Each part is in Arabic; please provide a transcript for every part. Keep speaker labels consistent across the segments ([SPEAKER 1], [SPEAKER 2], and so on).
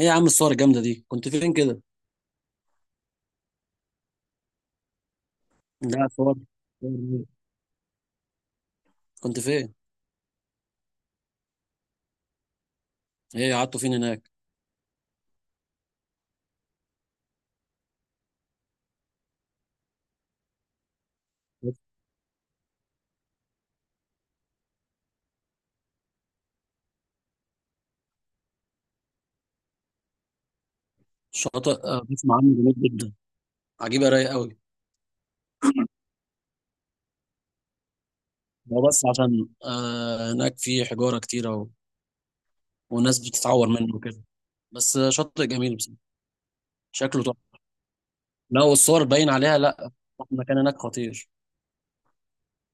[SPEAKER 1] ايه يا عم الصور الجامده دي، كنت فين كده؟ لا صور إيه؟ كنت فين؟ ايه، قعدتوا فين هناك؟ شاطئ، بسمع عنه، جميل جدا. عجيبه، رايق قوي. هو بس عشان هناك في حجاره كتيره والناس بتتعور منه وكده. بس شاطئ جميل بس. شكله تحفه. لا، والصور باين عليها، لا. المكان هناك خطير.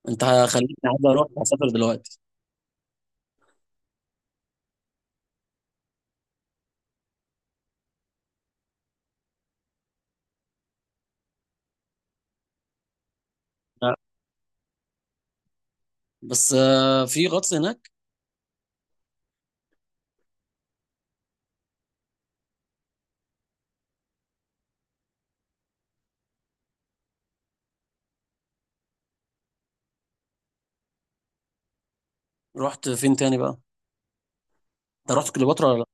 [SPEAKER 1] انت خليتني عايز اروح اسافر دلوقتي. لا، بس في غطس هناك؟ رحت فين تاني بقى؟ انت رحت كليوباترا ولا؟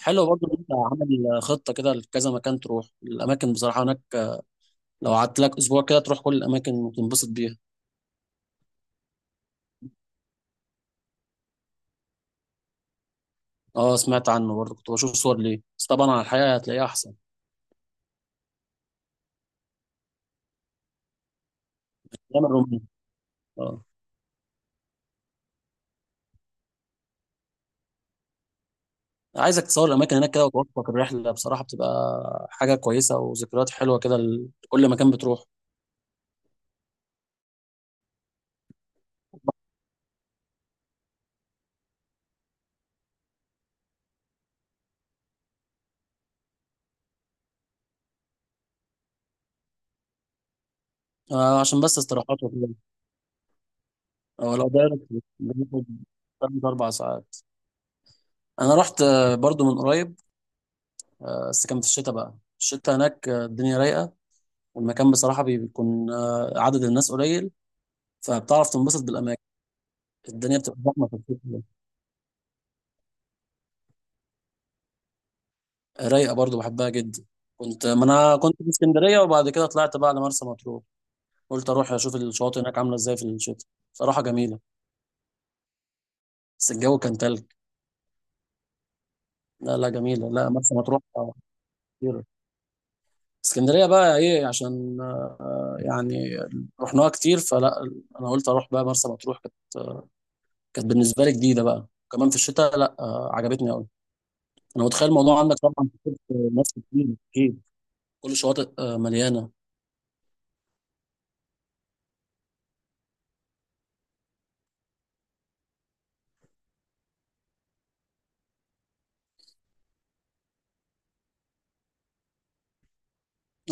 [SPEAKER 1] حلو برضه إن انت عامل خطه كده لكذا مكان، تروح الاماكن بصراحه هناك. لو قعدت لك اسبوع كده، تروح كل الاماكن وتنبسط بيها. اه، سمعت عنه برضه، كنت بشوف صور ليه، بس طبعا على الحقيقه هتلاقيها احسن. ايام الرومية. اه، عايزك تصور الاماكن هناك كده وتوثق الرحله، بصراحه بتبقى حاجه كويسه وذكريات حلوه كده لكل مكان بتروح. عشان بس استراحات وكده. اه، لو دايركت بناخد ثلاث اربع ساعات. انا رحت برضه من قريب. بس كان في الشتاء بقى. الشتاء هناك، الدنيا رايقه. المكان بصراحة بيكون عدد الناس قليل. فبتعرف تنبسط بالأماكن. الدنيا بتبقى زحمة في الصيف كده. رايقة برضو، بحبها جدا. كنت، ما أنا كنت في اسكندرية، وبعد كده طلعت بقى على مرسى مطروح. قلت أروح أشوف الشواطئ هناك عاملة إزاي في الشتاء. صراحة جميلة. بس الجو كان تلج. لا، لا جميلة، لا مرسى مطروح خطيرة. اسكندرية بقى إيه، عشان يعني رحناها كتير فلا. أنا قلت أروح بقى مرسى مطروح، آه، كانت بالنسبة لي جديدة بقى. كمان في الشتاء، لا عجبتني أوي. انا متخيل الموضوع عندك طبعا، في مصر كتير اكيد. كل شواطئ مليانه.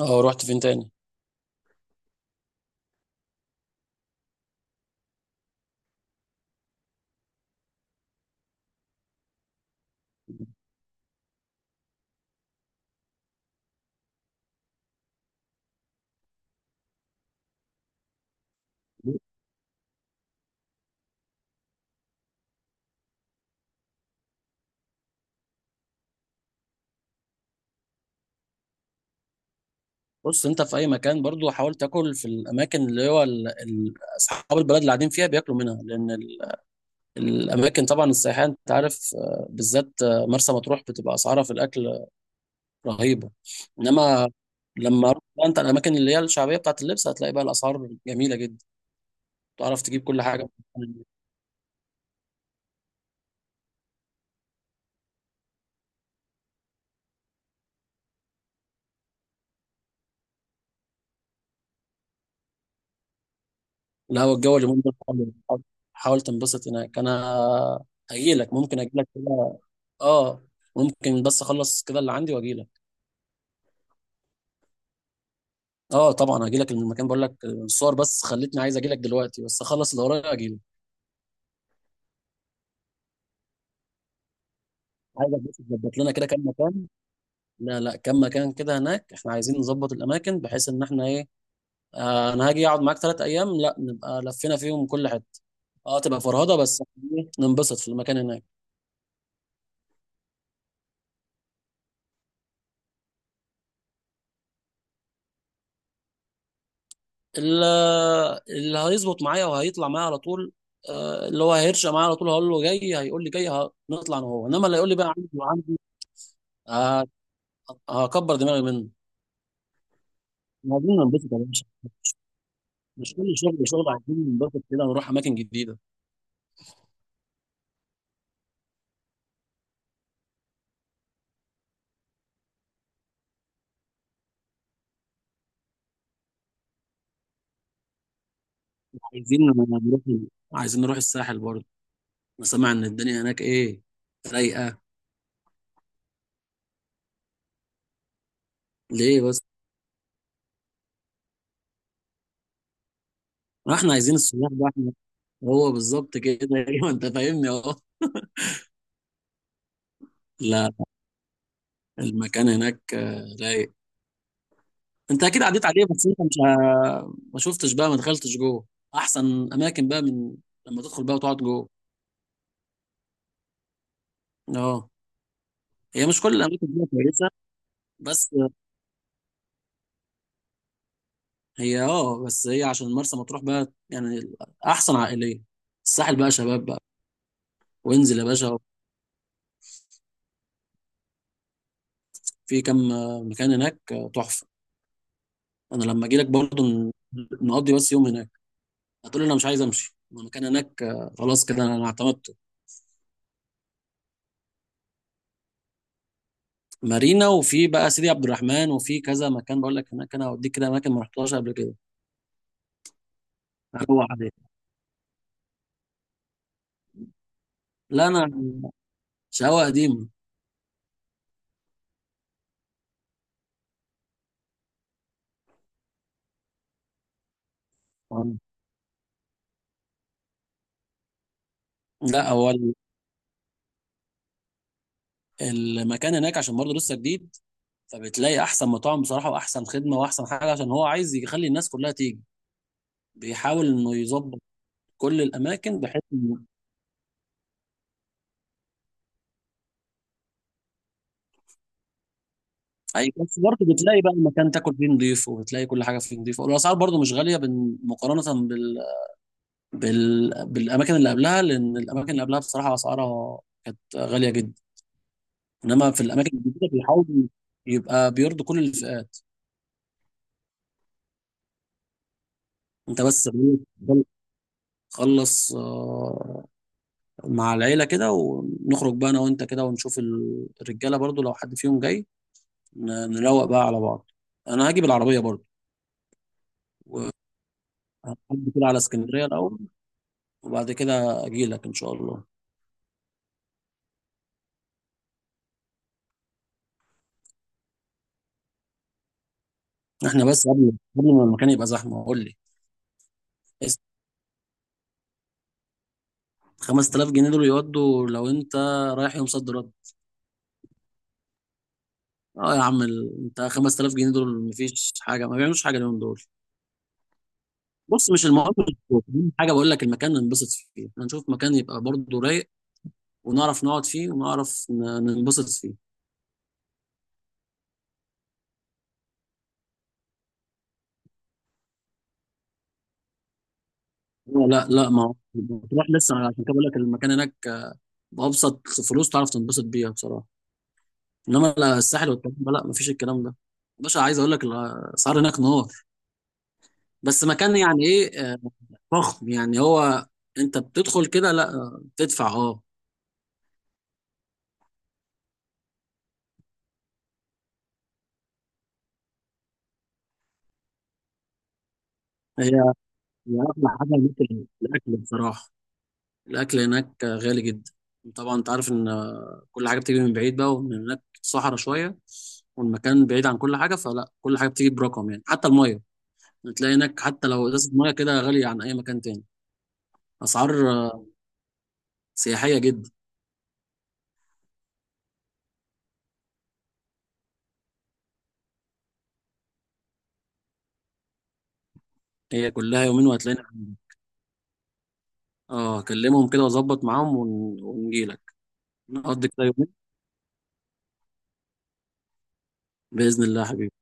[SPEAKER 1] اه، رحت فين تاني؟ بص، انت في اي مكان برضو حاول تاكل في الاماكن اللي هو اصحاب البلد اللي قاعدين فيها بياكلوا منها، لان الاماكن طبعا السياحيه، انت عارف بالذات مرسى مطروح بتبقى اسعارها في الاكل رهيبه. انما لما رحت بقى انت الاماكن اللي هي الشعبيه بتاعت اللبس، هتلاقي بقى الاسعار جميله جدا. تعرف تجيب كل حاجه. لا، هو الجو اليومين دول حلو. حاول حاول تنبسط هناك. انا هجيلك، ممكن اجيلك كده. اه، ممكن بس اخلص كده اللي عندي واجيلك. اه طبعا، هجيلك من المكان بقول لك، الصور بس خلتني عايز اجيلك دلوقتي، بس اخلص اللي ورايا اجيلك. عايزك بس تظبط لنا كده كام مكان. لا لا، كام مكان كده هناك احنا عايزين نظبط الاماكن بحيث ان احنا ايه. انا هاجي اقعد معاك 3 ايام، لا نبقى لفينا فيهم كل حته. اه، تبقى فرهضه بس. إيه، ننبسط في المكان هناك. اللي, اللي هيظبط معايا وهيطلع معايا على طول، اللي هو هيرشق معايا على طول هقول له جاي، هيقول لي جاي، نطلع انا وهو، انما اللي يقول لي بقى عندي وعندي، آه، هكبر دماغي منه. إحنا عايزين ننبسط يا باشا، مش كل شغل شغل، عايزين ننبسط كده ونروح اماكن جديده. عايزين نروح عايزين نروح الساحل برضه. انا سامع ان الدنيا هناك ايه، رايقه. ليه بس؟ ما احنا عايزين السياح بقى احنا، هو بالظبط كده. ايوه انت فاهمني اهو. لا، المكان هناك رايق. انت اكيد عديت عليه بس انت مش، ما شفتش بقى، ما دخلتش جوه احسن اماكن بقى من لما تدخل بقى وتقعد جوه. اه. هي مش كل الاماكن دي كويسه. بس بس هي عشان مرسى مطروح بقى يعني، احسن عائليه. الساحل بقى شباب بقى. وانزل يا باشا. في كم مكان هناك تحفه. انا لما اجي لك برضه نقضي بس يوم هناك، هتقول لي انا مش عايز امشي. ما المكان هناك، خلاص كده انا اعتمدته. مارينا، وفي بقى سيدي عبد الرحمن، وفي كذا مكان بقول لك هناك، انا هوديك كده اماكن ما رحتهاش قبل كده. اروح عليه. لا انا شقاوه قديمه. آه. لا هو المكان هناك عشان برضه لسه جديد، فبتلاقي احسن مطاعم بصراحه واحسن خدمه واحسن حاجه عشان هو عايز يخلي الناس كلها تيجي. بيحاول انه يظبط كل الاماكن بحيث انه اي، بس برضه بتلاقي بقى المكان تاكل فيه نضيف وبتلاقي كل حاجه فيه نضيفه، والاسعار برضه مش غاليه مقارنه بالاماكن اللي قبلها، لان الاماكن اللي قبلها بصراحه اسعارها كانت غاليه جدا. انما في الاماكن الجديده بيحاولوا يبقى بيرضوا كل الفئات. انت بس خلص مع العيلة كده، ونخرج بقى انا وانت كده ونشوف الرجالة برضو، لو حد فيهم جاي نروق بقى على بعض. انا هاجي بالعربية برضو. هعدي كده على اسكندرية الاول، وبعد كده اجي لك ان شاء الله. احنا بس قبل ما المكان يبقى زحمة، قول لي. 5000 جنيه دول يودوا، لو انت رايح يوم صد رد؟ اه يا عم، انت 5000 جنيه دول مفيش حاجة، ما بيعملوش حاجة اليوم دول. بص، مش المهم حاجه بقول لك، المكان ننبسط فيه هنشوف مكان يبقى برضه رايق ونعرف نقعد فيه ونعرف ننبسط فيه. لا لا، ما هو تروح لسه، أنا عشان كده بقول لك المكان هناك بأبسط فلوس تعرف تنبسط بيها بصراحة. انما لا، الساحل والكلام ده، لا مفيش الكلام ده. باشا عايز اقول لك الاسعار هناك نار. بس مكان يعني ايه، فخم يعني هو. انت بتدخل كده، لا بتدفع اه. هي هي اغلى حاجه هناك الاكل بصراحه. الاكل هناك غالي جدا. طبعا انت عارف ان كل حاجه بتيجي من بعيد بقى ومن هناك صحراء شويه، والمكان بعيد عن كل حاجه، فلا كل حاجه بتيجي برقم يعني، حتى الميه بتلاقي هناك حتى لو ازازه ميه كده غاليه عن اي مكان تاني. اسعار سياحيه جدا. هي كلها يومين وهتلاقينا عندك. اه، اكلمهم كده واظبط معاهم ونجيلك. نقضي كده يومين، باذن الله يا حبيبي.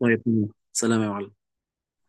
[SPEAKER 1] طيب. سلام يا معلم.